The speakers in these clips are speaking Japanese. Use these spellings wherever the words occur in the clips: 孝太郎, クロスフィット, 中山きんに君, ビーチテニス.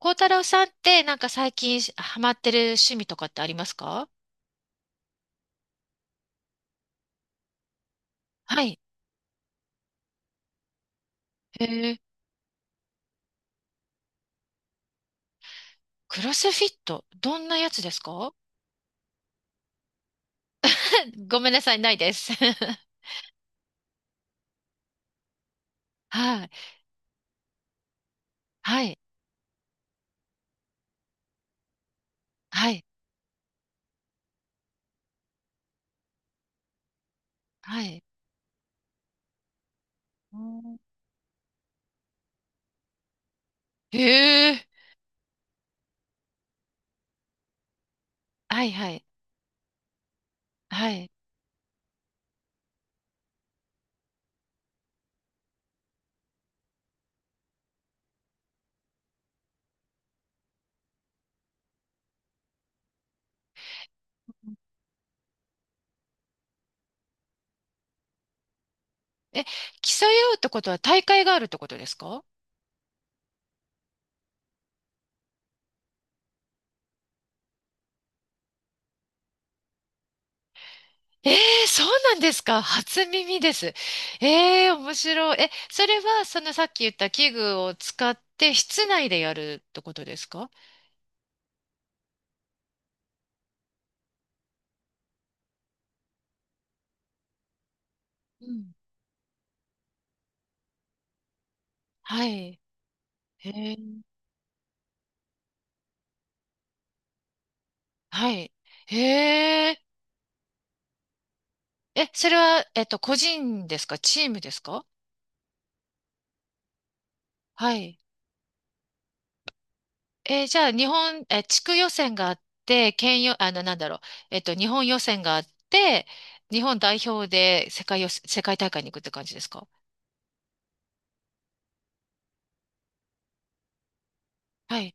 孝太郎さんって、なんか最近ハマってる趣味とかってありますか？はい。えー、クロスフィット、どんなやつですか？ ごめんなさい、ないです。はい。はい。はい。はい。うん。えー、はい、はい。はい。え、競い合うってことは大会があるってことですか？えー、そうなんですか。初耳です。えー、面白い。え、それは、そのさっき言った器具を使って室内でやるってことですか？うん。はい。へえ、はい。へえ、え、それは、個人ですかチームですか？はい。じゃあ、日本、地区予選があって、県予、なんだろう、日本予選があって、日本代表で世界予選、世界大会に行くって感じですか？はい。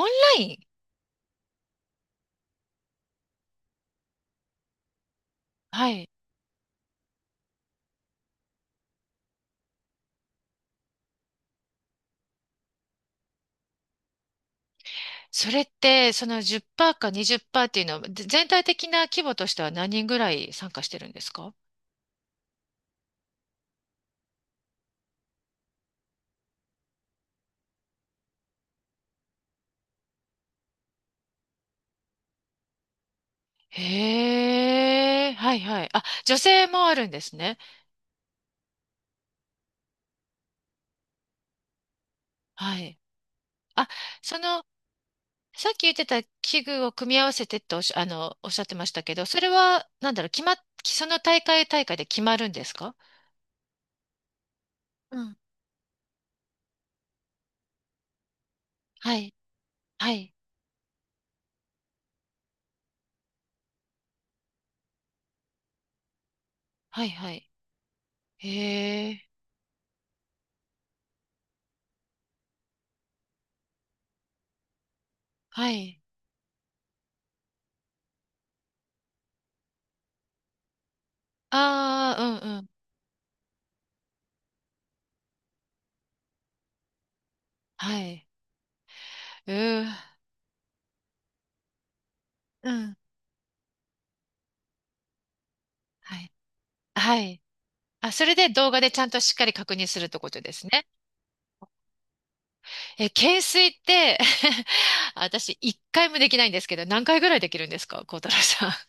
オンライン、はい。それって、その10%か20%っパーセントっていうのは、全体的な規模としては何人ぐらい参加してるんですか？へえ、はいはい。あ、女性もあるんですね。はい。あ、その、さっき言ってた器具を組み合わせてっておっしゃってましたけど、それは、なんだろう、決まっ、その大会大会で決まるんですか？うん。はい、はい、はい、はい。へえ、はい。ああ、うん、うん。はい。うー、うん。はい。はい。あ、それで動画でちゃんとしっかり確認するってことですね。え、懸垂って、 私、一回もできないんですけど、何回ぐらいできるんですか、孝太郎さん。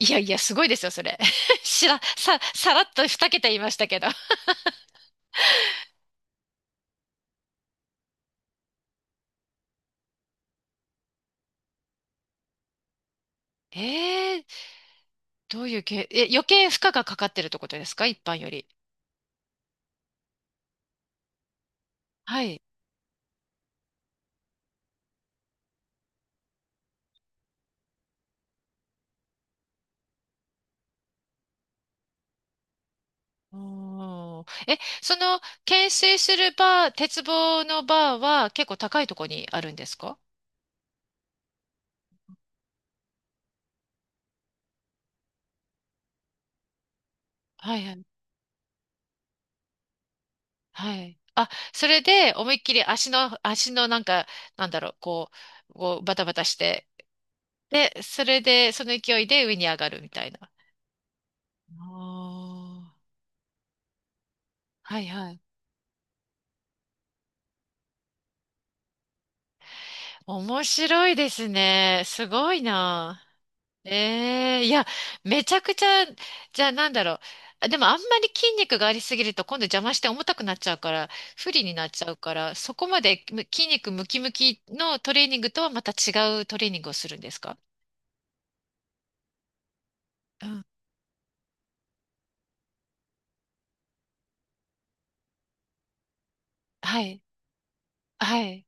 いやいや、すごいですよ、それ。しら、さ、さらっと二桁言いましたけど。ええー、どういうけ、え、余計負荷がかかってるってことですか、一般より。はい。おー、え、その、懸垂するバー、鉄棒のバーは結構高いとこにあるんですか？はいはい。はい。あ、それで思いっきり足のなんか、なんだろう、こうバタバタして、で、それで、その勢いで上に上がるみたいな。あー、はいはい。面白いですね。すごいな。ええ、いや、めちゃくちゃ、じゃあなんだろう。あ、でもあんまり筋肉がありすぎると今度邪魔して重たくなっちゃうから、不利になっちゃうから、そこまで筋肉ムキムキのトレーニングとはまた違うトレーニングをするんですか？うん。はい。はい。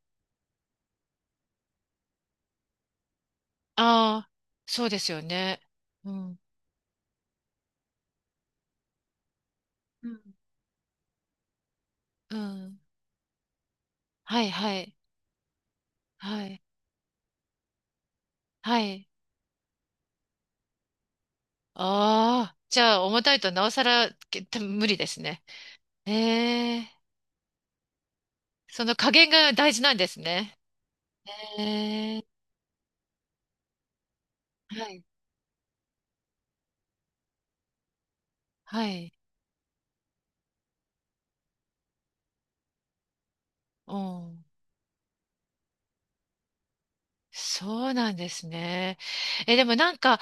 ああ、そうですよね。うん。うん。うん。はい、はい。はい。はい。ああ、じゃあ重たいとなおさら無理ですね。ええ、その加減が大事なんですね。ええ、はい。はい。うん。そうなんですね。え、でもなんか、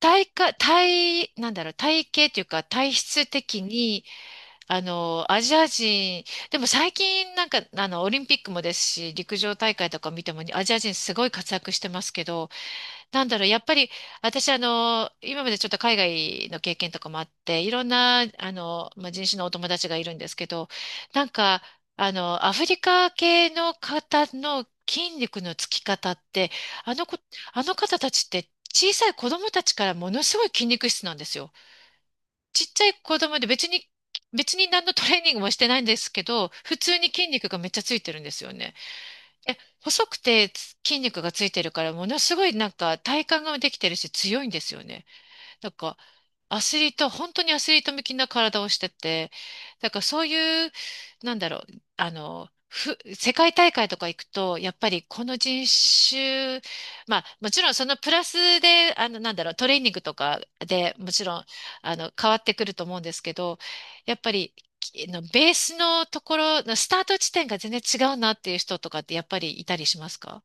体か、体、なんだろう、体型っていうか、体質的に、あの、アジア人、でも最近なんか、あの、オリンピックもですし、陸上大会とか見ても、アジア人すごい活躍してますけど、なんだろう、やっぱり私、あの、今までちょっと海外の経験とかもあって、いろんな、あの、まあ、人種のお友達がいるんですけど、なんか、あの、アフリカ系の方の筋肉のつき方って、あの子、あの方たちって小さい子供たちからものすごい筋肉質なんですよ。ちっちゃい子供で別に何のトレーニングもしてないんですけど、普通に筋肉がめっちゃついてるんですよね。え、細くて筋肉がついてるから、ものすごいなんか体幹ができてるし強いんですよね。なんかアスリート、本当にアスリート向きな体をしてて、だからそういう、なんだろう、あの、世界大会とか行くと、やっぱりこの人種、まあもちろんそのプラスで、あの、なんだろう、トレーニングとかでもちろん、あの、変わってくると思うんですけど、やっぱり、のベースのところのスタート地点が全然違うなっていう人とかってやっぱりいたりしますか？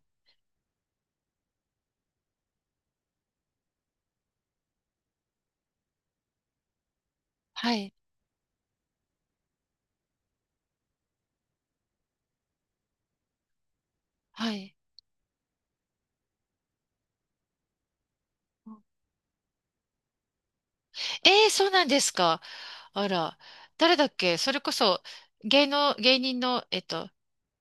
はい、はい。ええ、そうなんですか。あら、誰だっけ、それこそ、芸人の、えっと、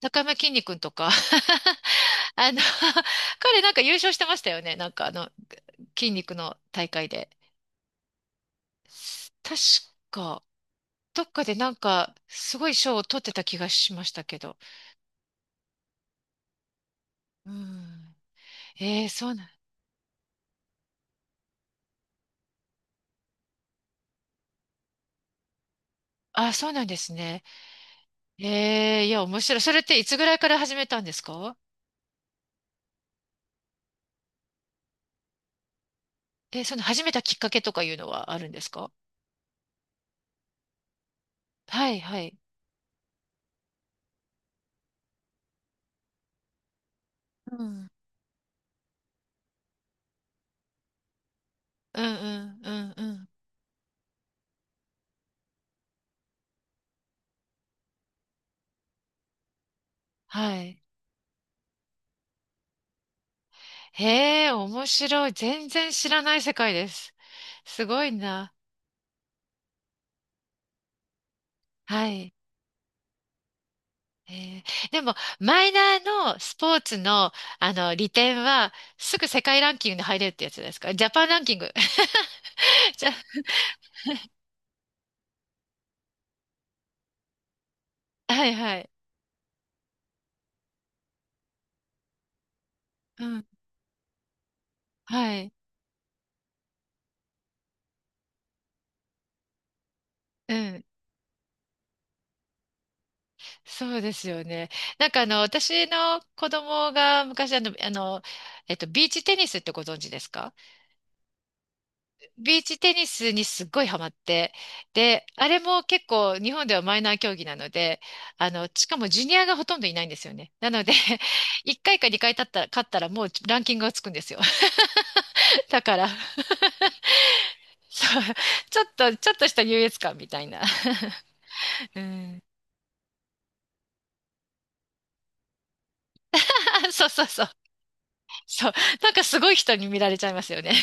中山きんに君とか。あの、彼なんか優勝してましたよね。なんかあの、筋肉の大会で。確かどっかでなんか、すごい賞を取ってた気がしましたけど。うん。ええ、そうなん、あ、そうなんですね。ええ、いや、面白い。それっていつぐらいから始めたんですか？えー、その始めたきっかけとかいうのはあるんですか？はい、はい。うんうんうんうんうん。はい。へえ、面白い。全然知らない世界です。すごいな。はい。えー、でも、マイナーのスポーツの、あの、利点は、すぐ世界ランキングに入れるってやつですか、ジャパンランキング。じゃ、はいはい。うん。はい。うん。そうですよね。なんかあの、私の子供が昔あの、あの、えっと、ビーチテニスってご存知ですか？ビーチテニスにすっごいハマって、で、あれも結構日本ではマイナー競技なので、あの、しかもジュニアがほとんどいないんですよね。なので、1回か2回勝ったら、勝ったらもうランキングがつくんですよ。だから、そう、ちょっとした優越感みたいな。うん。そうそうそう。そう。なんかすごい人に見られちゃいますよね。